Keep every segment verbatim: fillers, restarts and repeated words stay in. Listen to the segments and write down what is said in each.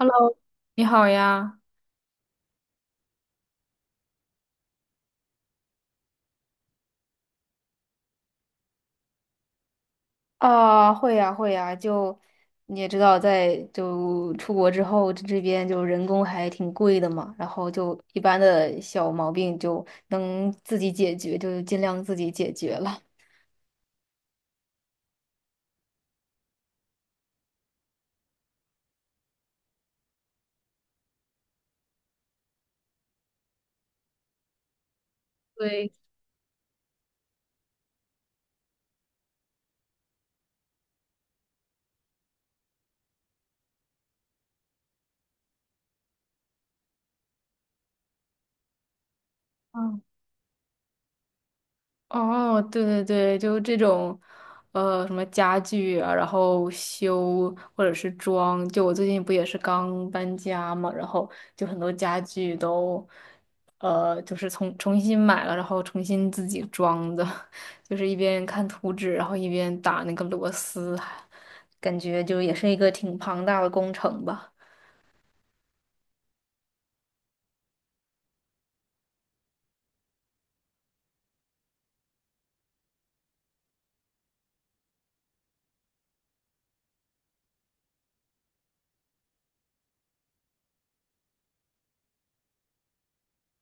Hello,你好呀。啊，会呀，会呀，就你也知道，在就出国之后，这这边就人工还挺贵的嘛，然后就一般的小毛病就能自己解决，就尽量自己解决了。对，嗯。哦，对对对，就这种，呃，什么家具啊，然后修或者是装，就我最近不也是刚搬家嘛，然后就很多家具都，呃，就是重重新买了，然后重新自己装的。就是一边看图纸，然后一边打那个螺丝，感觉就也是一个挺庞大的工程吧。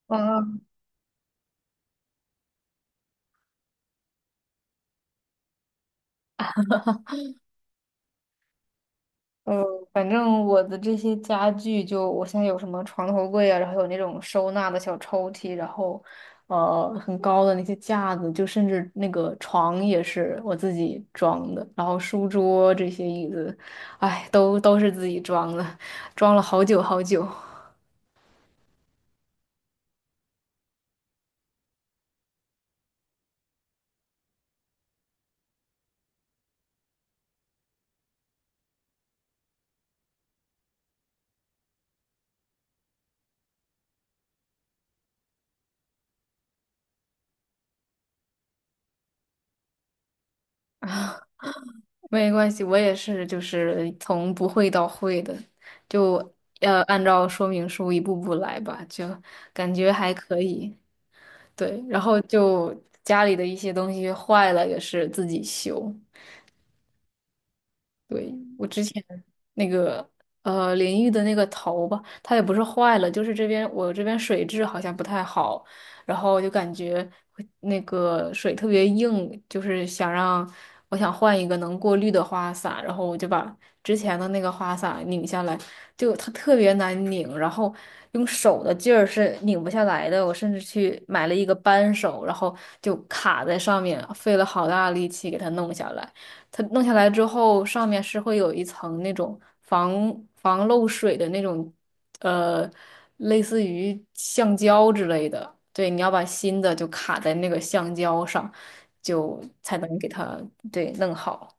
哇。嗯，反正我的这些家具就，我现在有什么床头柜啊，然后有那种收纳的小抽屉，然后呃很高的那些架子，就甚至那个床也是我自己装的，然后书桌这些椅子，哎，都都是自己装的，装了好久好久。没关系，我也是，就是从不会到会的，就呃按照说明书一步步来吧，就感觉还可以。对，然后就家里的一些东西坏了，也是自己修。对，我之前那个呃淋浴的那个头吧，它也不是坏了，就是这边我这边水质好像不太好，然后我就感觉会那个水特别硬，就是想让我想换一个能过滤的花洒，然后我就把之前的那个花洒拧下来，就它特别难拧，然后用手的劲儿是拧不下来的，我甚至去买了一个扳手，然后就卡在上面，费了好大力气给它弄下来。它弄下来之后，上面是会有一层那种防防漏水的那种，呃，类似于橡胶之类的。对，你要把新的就卡在那个橡胶上，就才能给它对弄好。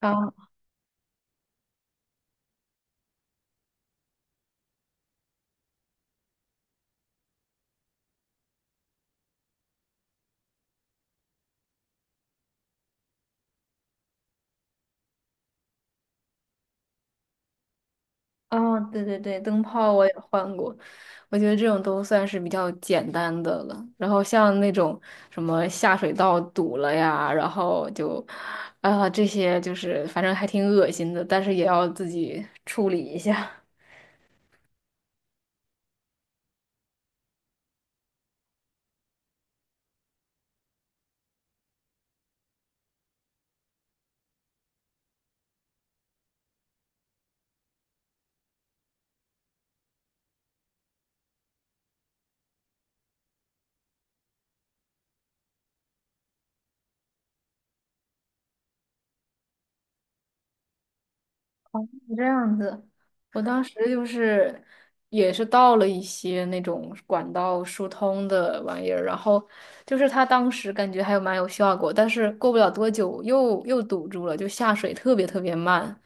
啊。哦，对对对，灯泡我也换过，我觉得这种都算是比较简单的了。然后像那种什么下水道堵了呀，然后就，啊、这些就是反正还挺恶心的，但是也要自己处理一下。这样子，我当时就是也是倒了一些那种管道疏通的玩意儿，然后就是他当时感觉还有蛮有效果，但是过不了多久又又堵住了，就下水特别特别慢，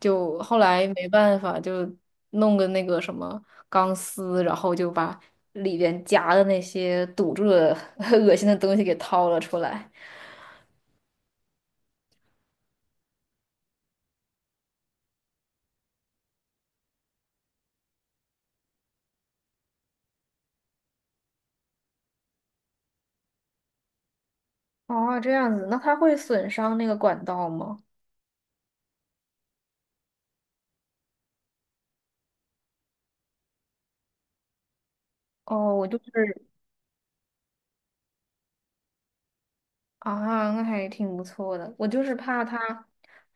就后来没办法就弄个那个什么钢丝，然后就把里边夹的那些堵住的 恶心的东西给掏了出来。哦，这样子，那它会损伤那个管道吗？哦，我就是。啊，那还挺不错的。我就是怕它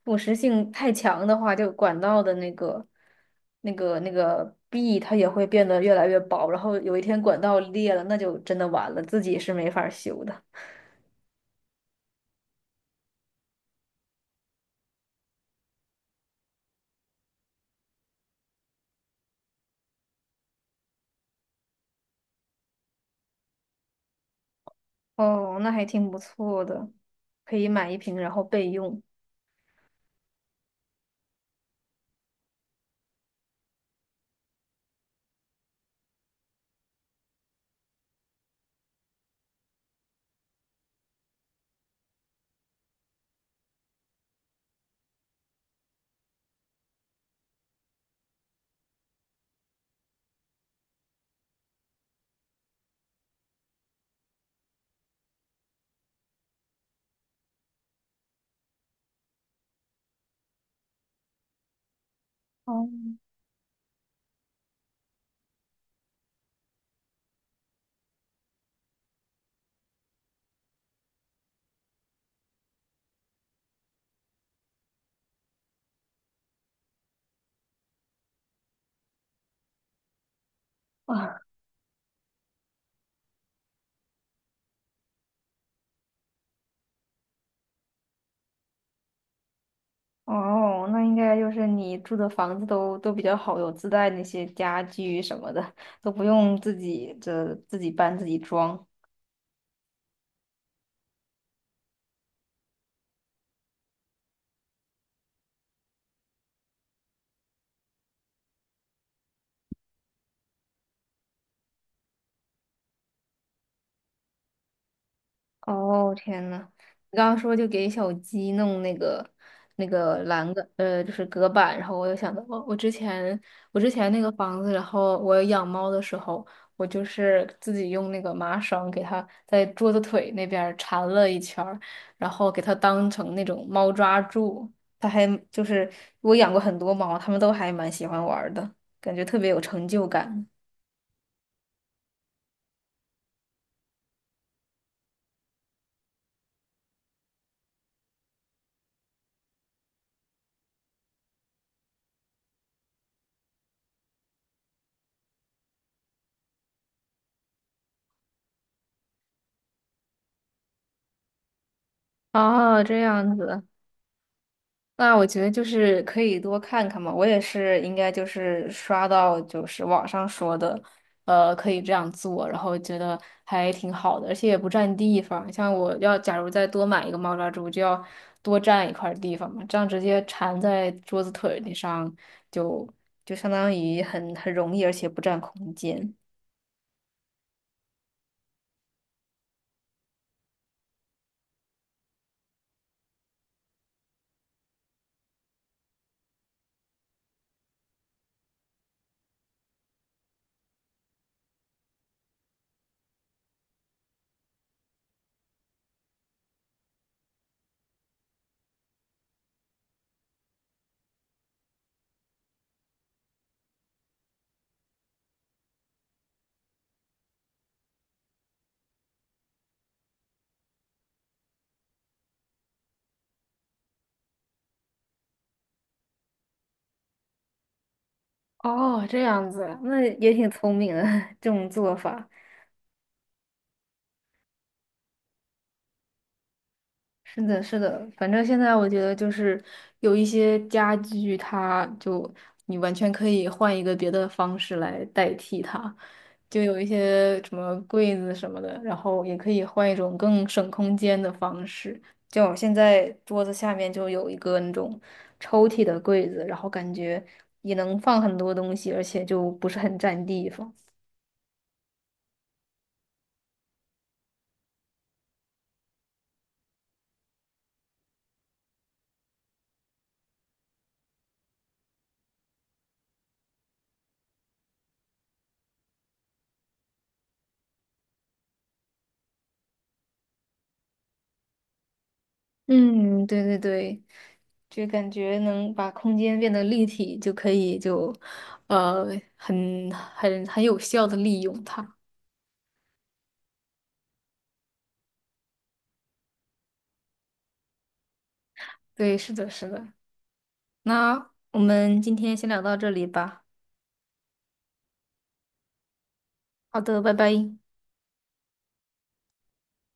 腐蚀性太强的话，就管道的那个、那个、那个壁，它也会变得越来越薄。然后有一天管道裂了，那就真的完了，自己是没法儿修的。哦，那还挺不错的，可以买一瓶然后备用。哦。啊。哦，那应该就是你住的房子都都比较好，有自带那些家具什么的，都不用自己这自己搬自己装。哦，天呐，你刚刚说就给小鸡弄那个那个栏杆，呃，就是隔板，然后我又想到，我我之前我之前那个房子，然后我养猫的时候，我就是自己用那个麻绳给它在桌子腿那边儿缠了一圈儿然后给它当成那种猫抓柱，它还就是我养过很多猫，它们都还蛮喜欢玩儿的，感觉特别有成就感。哦，这样子。那我觉得就是可以多看看嘛，我也是应该就是刷到就是网上说的，呃，可以这样做，然后觉得还挺好的，而且也不占地方。像我要假如再多买一个猫抓猪，就要多占一块儿地方嘛，这样直接缠在桌子腿儿上就就相当于很很容易，而且不占空间。哦，这样子，那也挺聪明的 这种做法。是的，是的，反正现在我觉得就是有一些家具，它就你完全可以换一个别的方式来代替它，就有一些什么柜子什么的，然后也可以换一种更省空间的方式。就我现在桌子下面就有一个那种抽屉的柜子，然后感觉也能放很多东西，而且就不是很占地方。嗯，对对对。就感觉能把空间变得立体，就可以就，呃，很很很有效的利用它。对，是的，是的。那我们今天先聊到这里吧。好的，拜拜。